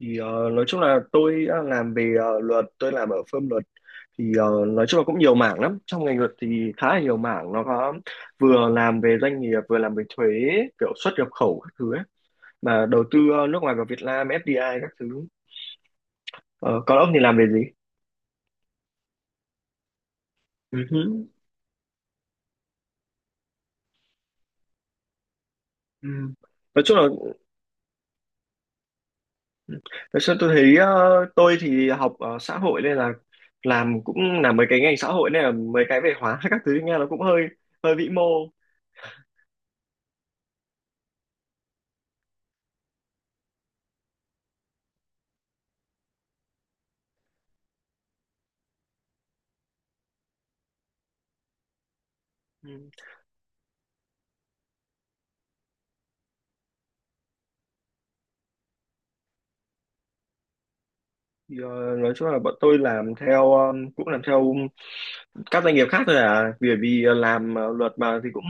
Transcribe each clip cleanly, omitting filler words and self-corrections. Nói chung là tôi làm về luật. Tôi làm ở firm luật thì nói chung là cũng nhiều mảng lắm, trong ngành luật thì khá là nhiều mảng. Nó có vừa làm về doanh nghiệp, vừa làm về thuế, kiểu xuất nhập khẩu các thứ ấy. Mà đầu tư nước ngoài vào Việt Nam, FDI các thứ. Ờ, còn ông thì làm về gì? Ừ hứ. Ừ. nói chung là nói chung tôi thấy tôi thì học xã hội, nên là làm cũng làm mấy cái ngành xã hội nên là mấy cái về hóa các thứ nghe nó cũng hơi hơi vĩ mô. Ừ. Thì, nói chung là bọn tôi làm theo cũng làm theo các doanh nghiệp khác thôi à, vì vì ờ, làm luật mà thì cũng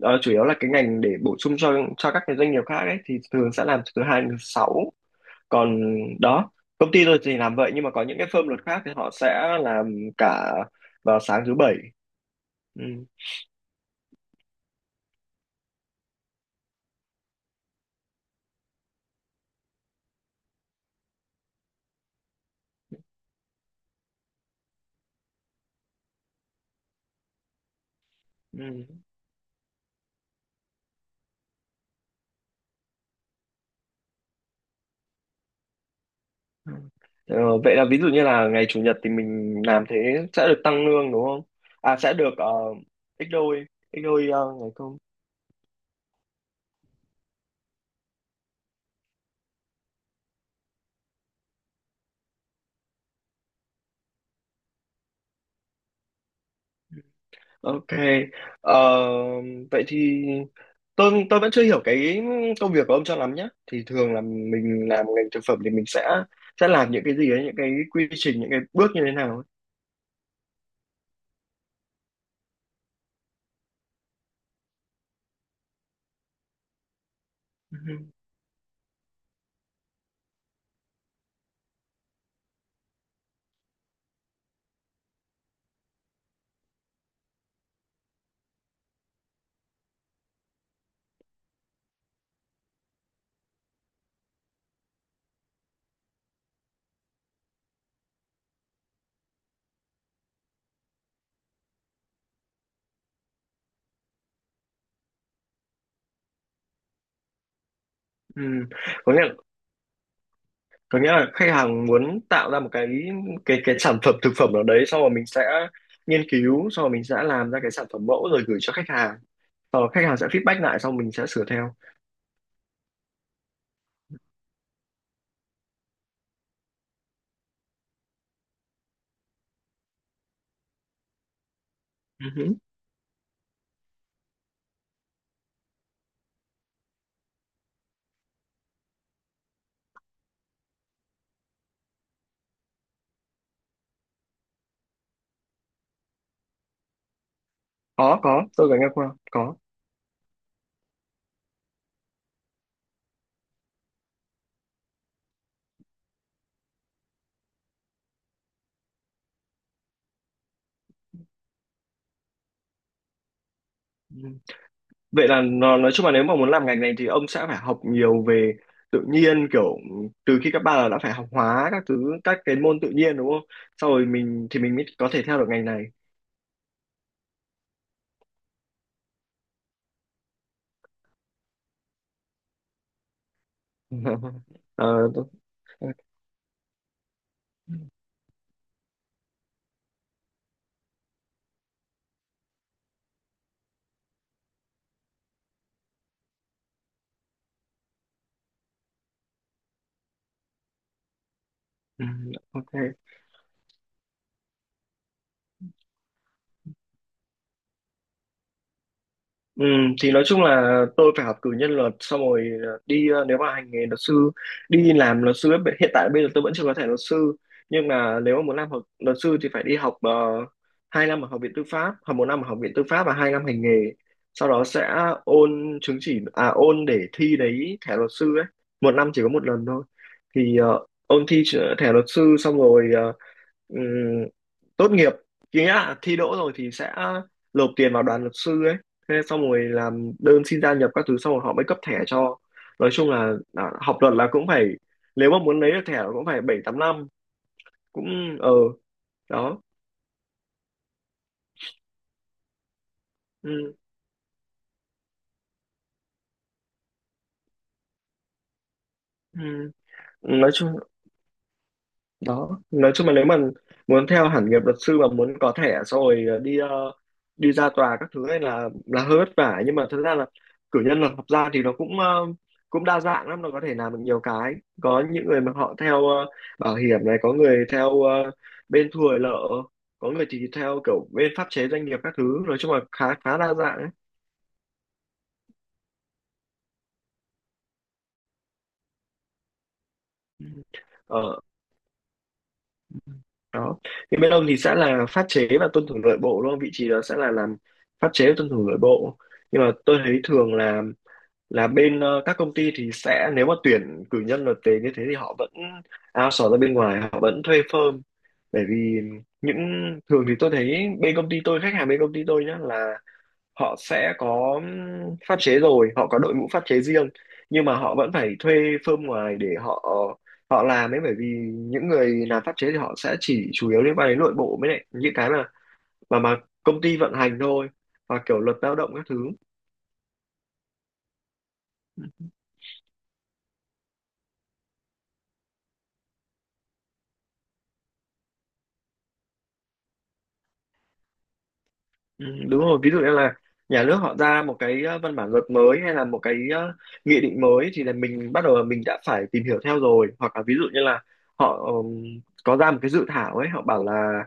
chủ yếu là cái ngành để bổ sung cho các cái doanh nghiệp khác ấy, thì thường sẽ làm từ thứ hai đến thứ sáu. Còn đó, công ty tôi thì làm vậy, nhưng mà có những cái firm luật khác thì họ sẽ làm cả vào sáng thứ bảy. Ừ. Ừ. Ừ. Ờ, vậy là ví dụ như là ngày chủ nhật thì mình làm thế sẽ được tăng lương đúng không? À sẽ được ít đôi, ít đôi ngày công. Ok, ờ, vậy thì tôi vẫn chưa hiểu cái công việc của ông cho lắm nhé. Thì thường là mình làm ngành thực phẩm thì mình sẽ làm những cái gì ấy, những cái quy trình, những cái bước như thế nào ấy. Ừ. Ừ. Có nghĩa có nghĩa là khách hàng muốn tạo ra một cái cái sản phẩm thực phẩm nào đấy, sau rồi mình sẽ nghiên cứu, sau rồi mình sẽ làm ra cái sản phẩm mẫu rồi gửi cho khách hàng. Sau đó khách hàng sẽ feedback lại, xong mình sẽ sửa theo. Ừ. Có, tôi có nghe qua, có. Ừ. Vậy là nó, nói chung là nếu mà muốn làm ngành này thì ông sẽ phải học nhiều về tự nhiên, kiểu từ khi cấp ba là đã phải học hóa các thứ, các cái môn tự nhiên đúng không? Sau rồi mình thì mình mới có thể theo được ngành này. Ờ, ừ, ok. Ừ, thì nói chung là tôi phải học cử nhân luật xong rồi nếu mà hành nghề luật sư, đi làm luật sư ấy, hiện tại bây giờ tôi vẫn chưa có thẻ luật sư, nhưng mà nếu mà muốn làm học luật sư thì phải đi học, 2 năm ở học viện tư pháp, học một năm ở học viện tư pháp và hai năm hành nghề, sau đó sẽ ôn chứng chỉ, à ôn để thi đấy thẻ luật sư ấy, một năm chỉ có một lần thôi. Thì ôn thi thẻ luật sư xong rồi ừm, tốt nghiệp, nghĩa là thi đỗ rồi thì sẽ nộp tiền vào đoàn luật sư ấy, thế xong rồi làm đơn xin gia nhập các thứ xong rồi họ mới cấp thẻ cho. Nói chung là à, học luật là cũng phải, nếu mà muốn lấy được thẻ là cũng phải bảy tám năm. Cũng ờ Đó. Ừ. Ừ. nói chung Đó, nói chung là nếu mà muốn theo hẳn nghiệp luật sư mà muốn có thẻ xong rồi đi ra tòa các thứ này là hơi vất vả, nhưng mà thật ra là cử nhân luật học gia thì nó cũng cũng đa dạng lắm, nó có thể làm được nhiều cái. Có những người mà họ theo bảo hiểm này, có người theo bên thu hồi nợ, có người thì theo kiểu bên pháp chế doanh nghiệp các thứ, nói chung là khá khá đa dạng ấy. Ờ, đó thì bên ông thì sẽ là pháp chế và tuân thủ nội bộ đúng không, vị trí đó sẽ là làm pháp chế và tuân thủ nội bộ. Nhưng mà tôi thấy thường là bên các công ty thì sẽ nếu mà tuyển cử nhân luật tế như thế thì họ vẫn outsource ra bên ngoài, họ vẫn thuê firm, bởi vì những thường thì tôi thấy bên công ty tôi, khách hàng bên công ty tôi nhá, là họ sẽ có pháp chế, rồi họ có đội ngũ pháp chế riêng, nhưng mà họ vẫn phải thuê firm ngoài để họ họ làm ấy, bởi vì những người làm pháp chế thì họ sẽ chỉ chủ yếu liên quan đến nội bộ mới lại những cái mà mà công ty vận hành thôi, và kiểu luật lao động các thứ. Ừ, đúng rồi, ví dụ như là nhà nước họ ra một cái văn bản luật mới, hay là một cái nghị định mới, thì là mình bắt đầu là mình đã phải tìm hiểu theo rồi. Hoặc là ví dụ như là họ có ra một cái dự thảo ấy, họ bảo là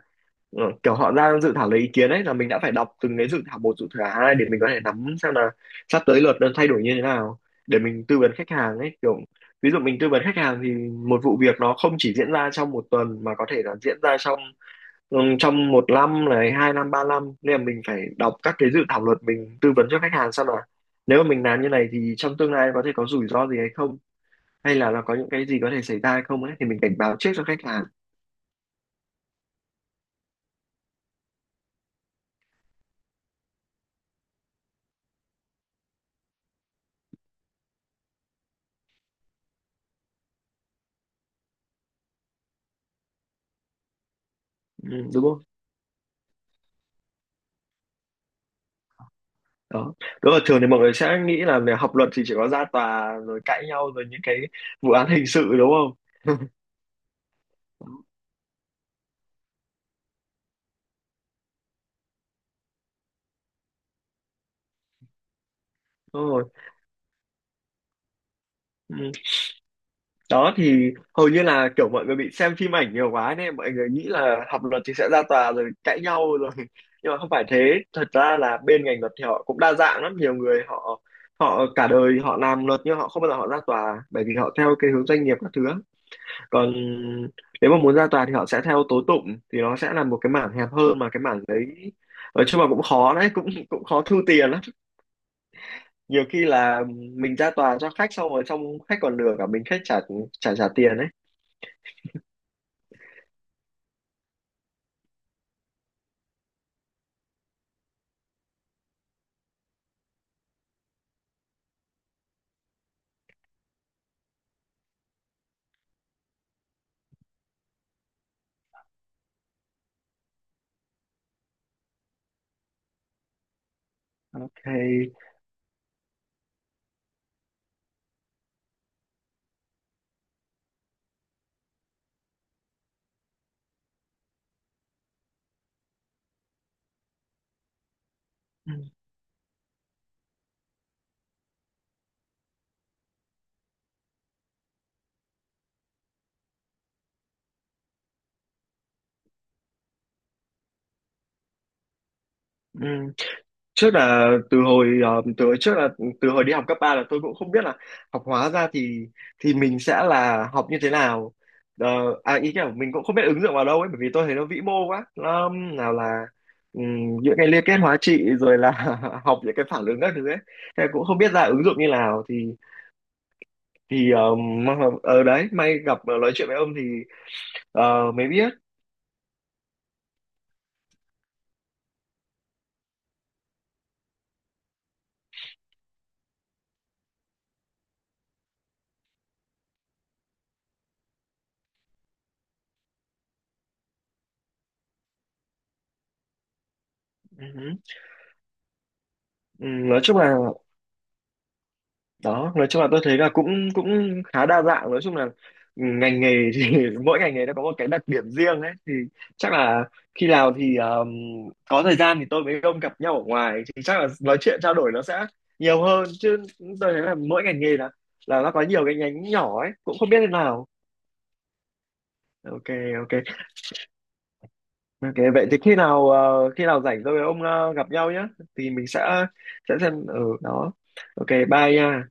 Ờ, kiểu họ ra dự thảo lấy ý kiến ấy, là mình đã phải đọc từng cái dự thảo một, dự thảo hai, để mình có thể nắm xem là sắp tới luật nó thay đổi như thế nào, để mình tư vấn khách hàng ấy. Kiểu ví dụ mình tư vấn khách hàng thì một vụ việc nó không chỉ diễn ra trong một tuần mà có thể là diễn ra trong trong một năm này, hai năm, ba năm, nên là mình phải đọc các cái dự thảo luật, mình tư vấn cho khách hàng xem là nếu mà mình làm như này thì trong tương lai có thể có rủi ro gì hay không, hay là nó có những cái gì có thể xảy ra hay không ấy, thì mình cảnh báo trước cho khách hàng. Ừ, đúng không. Đó, đúng là thường thì mọi người sẽ nghĩ là về học luật thì chỉ có ra tòa rồi cãi nhau rồi những cái vụ án hình sự đúng không? Đúng rồi. Ừ. Đó thì hầu như là kiểu mọi người bị xem phim ảnh nhiều quá nên mọi người nghĩ là học luật thì sẽ ra tòa rồi cãi nhau rồi, nhưng mà không phải thế. Thật ra là bên ngành luật thì họ cũng đa dạng lắm, nhiều người họ họ cả đời họ làm luật nhưng họ không bao giờ họ ra tòa, bởi vì họ theo cái hướng doanh nghiệp các thứ. Còn nếu mà muốn ra tòa thì họ sẽ theo tố tụng, thì nó sẽ là một cái mảng hẹp hơn, mà cái mảng đấy nói chung là cũng khó đấy, cũng cũng khó thu tiền lắm. Nhiều khi là mình ra tòa cho khách xong rồi xong khách còn lừa cả mình, khách trả trả trả tiền đấy. Ok. Ừ. Trước là từ hồi từ hồi trước là từ hồi đi học cấp 3 là tôi cũng không biết là học hóa ra thì mình sẽ là học như thế nào. Ờ, à ý kiểu mình cũng không biết ứng dụng vào đâu ấy, bởi vì tôi thấy nó vĩ mô quá, nó nào là những cái liên kết hóa trị rồi là học những cái phản ứng các thứ ấy, thế cũng không biết ra ứng dụng như nào. Thì thì ờm, mà- ở đấy may gặp nói chuyện với ông thì mới biết. Ừ, ừ. Ừ, nói chung là đó, nói chung là tôi thấy là cũng cũng khá đa dạng, nói chung là ngành nghề thì mỗi ngành nghề nó có một cái đặc điểm riêng ấy. Thì chắc là khi nào thì có thời gian thì tôi với ông gặp nhau ở ngoài thì chắc là nói chuyện trao đổi nó sẽ nhiều hơn chứ. Tôi thấy là mỗi ngành nghề là nó có nhiều cái nhánh nhỏ ấy, cũng không biết thế nào. Ok, ok. Ok, vậy thì khi nào khi nào rảnh tôi với ông gặp nhau nhé, thì mình sẽ xem ở đó. Ok, bye nha.